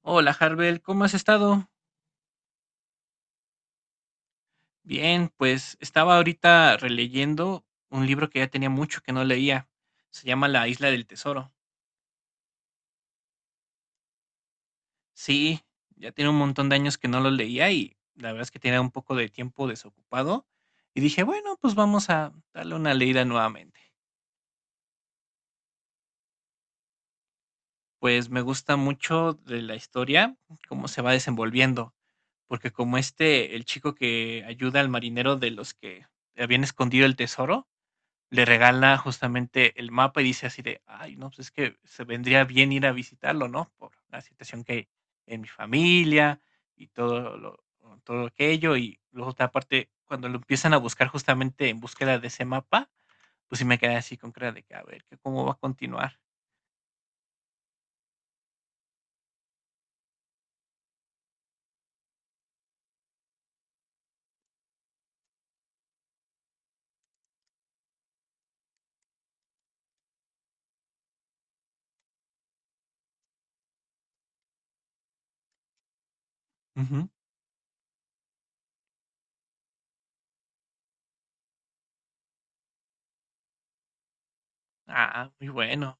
Hola, Harbel, ¿cómo has estado? Bien, pues estaba ahorita releyendo un libro que ya tenía mucho que no leía. Se llama La Isla del Tesoro. Sí, ya tiene un montón de años que no lo leía y la verdad es que tenía un poco de tiempo desocupado. Y dije, bueno, pues vamos a darle una leída nuevamente. Pues me gusta mucho de la historia, cómo se va desenvolviendo, porque como este, el chico que ayuda al marinero de los que habían escondido el tesoro, le regala justamente el mapa y dice así de: "Ay, no, pues es que se vendría bien ir a visitarlo, ¿no? Por la situación que hay en mi familia y todo aquello", y luego otra parte, cuando lo empiezan a buscar justamente en búsqueda de ese mapa, pues sí me quedé así con cara de que, a ver, que cómo va a continuar. Ujú. Ah, muy bueno.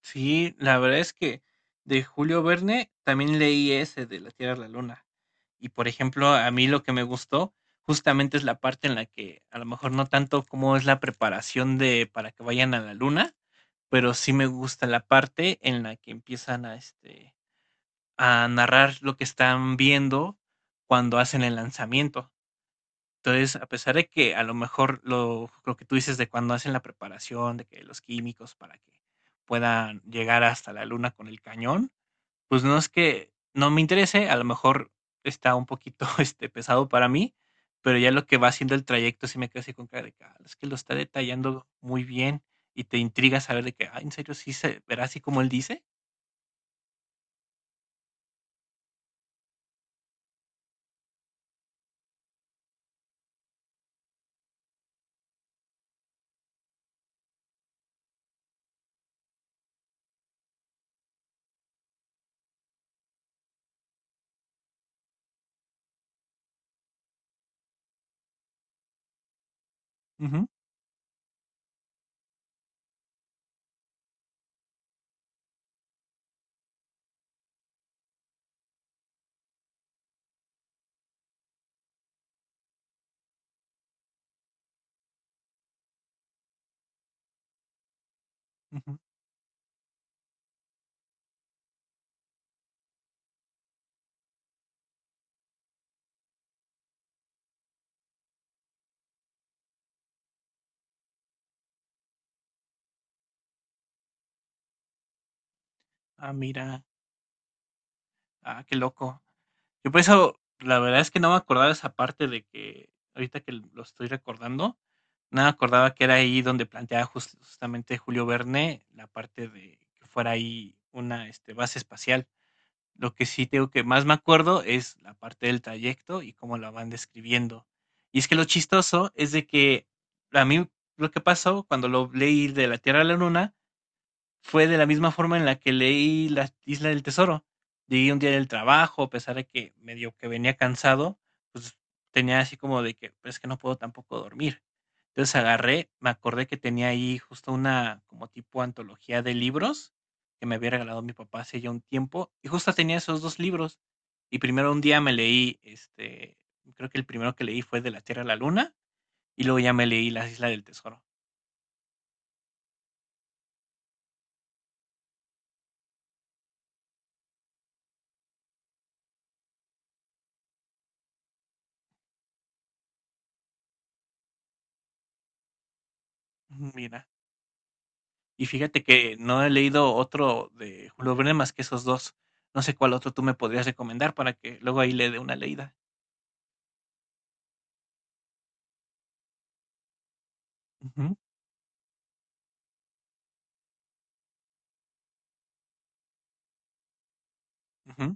Sí, la verdad es que de Julio Verne también leí ese de La Tierra a la Luna. Y por ejemplo, a mí lo que me gustó justamente es la parte en la que a lo mejor no tanto como es la preparación de para que vayan a la luna, pero sí me gusta la parte en la que empiezan a narrar lo que están viendo cuando hacen el lanzamiento. Entonces, a pesar de que a lo mejor lo que tú dices de cuando hacen la preparación, de que los químicos para que puedan llegar hasta la luna con el cañón, pues no es que no me interese, a lo mejor está un poquito, pesado para mí, pero ya lo que va haciendo el trayecto sí me quedo así con cara de que, ah, es que lo está detallando muy bien y te intriga saber de que, ah, ¿en serio sí se verá así como él dice? Ujú, ujú. Ah, mira, ah, qué loco. Yo por eso, la verdad es que no me acordaba de esa parte de que, ahorita que lo estoy recordando, no me acordaba que era ahí donde planteaba justamente Julio Verne la parte de que fuera ahí una base espacial. Lo que sí tengo que más me acuerdo es la parte del trayecto y cómo la van describiendo. Y es que lo chistoso es de que a mí lo que pasó cuando lo leí de la Tierra a la Luna fue de la misma forma en la que leí La Isla del Tesoro. Llegué un día del trabajo, a pesar de que medio que venía cansado, pues tenía así como de que, pues es que no puedo tampoco dormir. Entonces agarré, me acordé que tenía ahí justo una como tipo antología de libros que me había regalado mi papá hace ya un tiempo, y justo tenía esos dos libros. Y primero un día me leí, este, creo que el primero que leí fue De la Tierra a la Luna, y luego ya me leí Las Islas del Tesoro. Mira. Y fíjate que no he leído otro de Julio Verne más que esos dos. No sé cuál otro tú me podrías recomendar para que luego ahí le dé una leída. Ujú, ujú.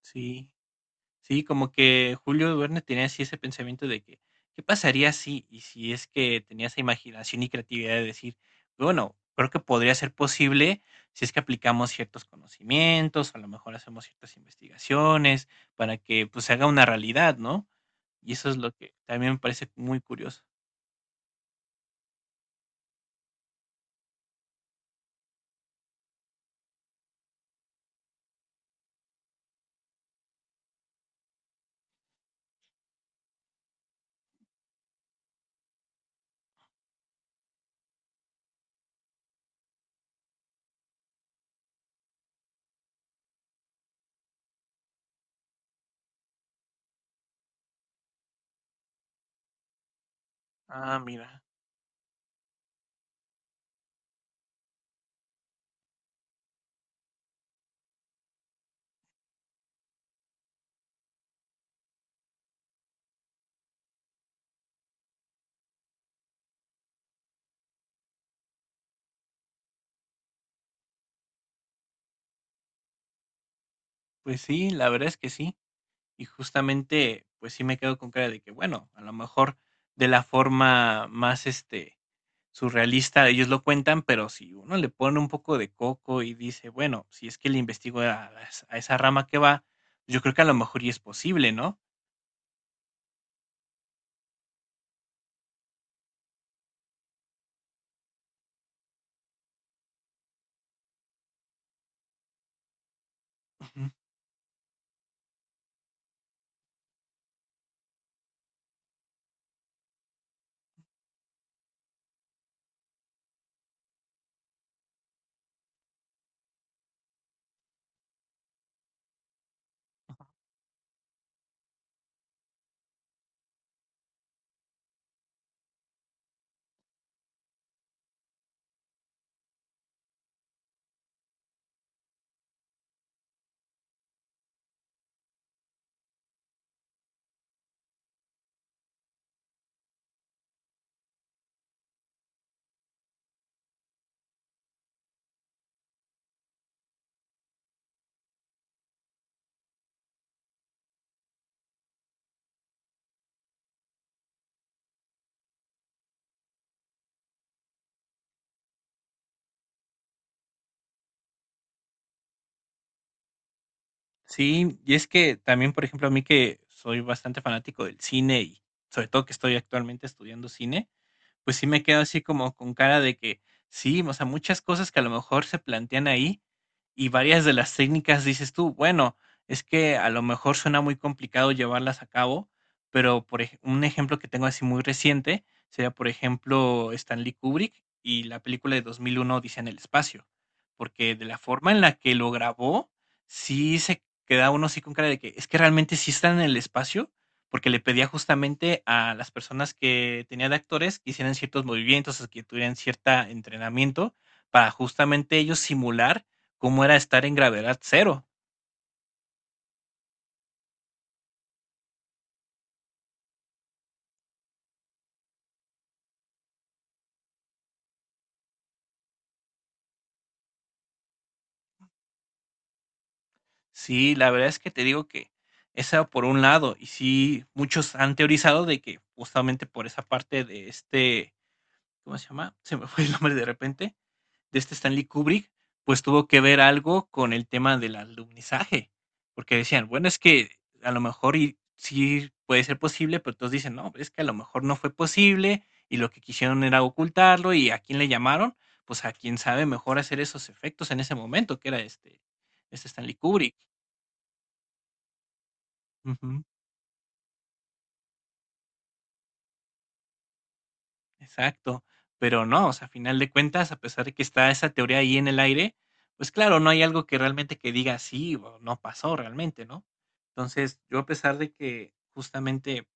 Sí, sí, como que Julio Verne tenía así ese pensamiento de que, ¿qué pasaría si? Y si es que tenía esa imaginación y creatividad de decir, bueno, creo que podría ser posible si es que aplicamos ciertos conocimientos, a lo mejor hacemos ciertas investigaciones para que pues se haga una realidad, ¿no? Y eso es lo que también me parece muy curioso. Ah, mira. Pues sí, la verdad es que sí. Y justamente, pues sí me quedo con cara de que, bueno, a lo mejor de la forma más surrealista ellos lo cuentan, pero si uno le pone un poco de coco y dice, bueno, si es que le investigo a esa rama que va, yo creo que a lo mejor y es posible, ¿no? Ujú. Sí, y es que también, por ejemplo, a mí que soy bastante fanático del cine y sobre todo que estoy actualmente estudiando cine, pues sí me quedo así como con cara de que sí, o sea, muchas cosas que a lo mejor se plantean ahí y varias de las técnicas dices tú, bueno, es que a lo mejor suena muy complicado llevarlas a cabo, pero por un ejemplo que tengo así muy reciente sería, por ejemplo, Stanley Kubrick y la película de 2001 Odisea en el espacio, porque de la forma en la que lo grabó, sí se queda uno así con cara de que es que realmente sí están en el espacio porque le pedía justamente a las personas que tenía de actores que hicieran ciertos movimientos, o que tuvieran cierto entrenamiento para justamente ellos simular cómo era estar en gravedad cero. Sí, la verdad es que te digo que esa por un lado, y sí, muchos han teorizado de que justamente por esa parte de este, ¿cómo se llama? Se me fue el nombre de repente, de este Stanley Kubrick, pues tuvo que ver algo con el tema del alumnizaje, porque decían, bueno, es que a lo mejor y, sí puede ser posible, pero todos dicen, no, es que a lo mejor no fue posible y lo que quisieron era ocultarlo y a quién le llamaron, pues a quien sabe mejor hacer esos efectos en ese momento, que era este, este Stanley Kubrick. Ujú. Exacto, pero no, o sea, a final de cuentas, a pesar de que está esa teoría ahí en el aire, pues claro, no hay algo que realmente que diga sí o no pasó realmente, ¿no? Entonces, yo a pesar de que justamente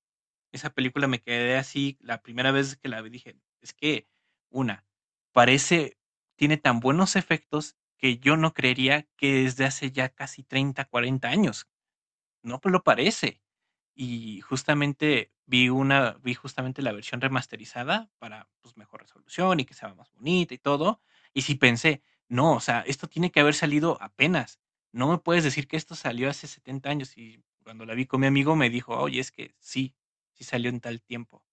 esa película me quedé así la primera vez que la vi, dije, es que una, parece, tiene tan buenos efectos que yo no creería que desde hace ya casi 30, 40 años, no pues lo parece. Y justamente vi justamente la versión remasterizada para, pues, mejor resolución y que sea más bonita y todo. Y sí pensé: "No, o sea, esto tiene que haber salido apenas. No me puedes decir que esto salió hace 70 años". Y cuando la vi con mi amigo me dijo: "Oye, es que sí, sí salió en tal tiempo".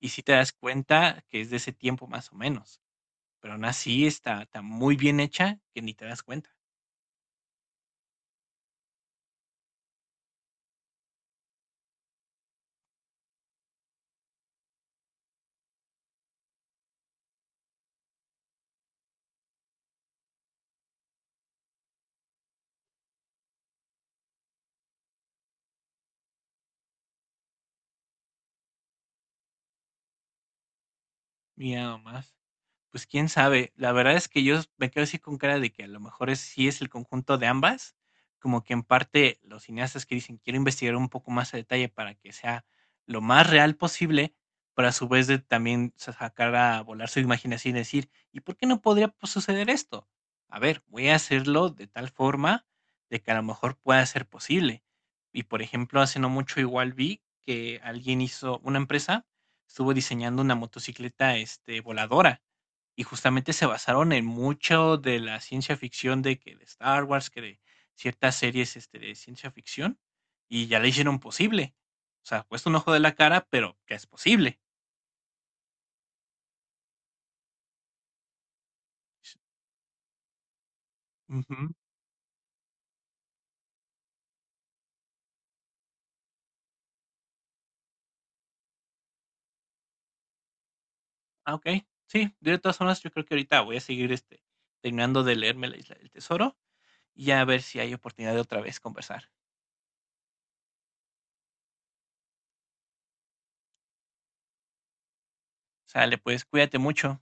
Y sí te das cuenta que es de ese tiempo más o menos, pero aún así está muy bien hecha que ni te das cuenta. Mira nomás. Pues quién sabe. La verdad es que yo me quedo así con cara de que a lo mejor es, sí es el conjunto de ambas, como que en parte los cineastas que dicen quiero investigar un poco más a detalle para que sea lo más real posible, pero a su vez de también sacar a volar su imaginación y decir, ¿y por qué no podría pues, suceder esto? A ver, voy a hacerlo de tal forma de que a lo mejor pueda ser posible. Y por ejemplo, hace no mucho igual vi que alguien hizo, una empresa estuvo diseñando una motocicleta voladora y justamente se basaron en mucho de la ciencia ficción de que de Star Wars, que de ciertas series, este, de ciencia ficción, y ya le hicieron posible. O sea, cuesta un ojo de la cara, pero ya es posible. Ujú. Ah, okey. Sí, de todas formas, yo creo que ahorita voy a seguir, este, terminando de leerme La Isla del Tesoro, y ya a ver si hay oportunidad de otra vez conversar. Sale, pues, cuídate mucho.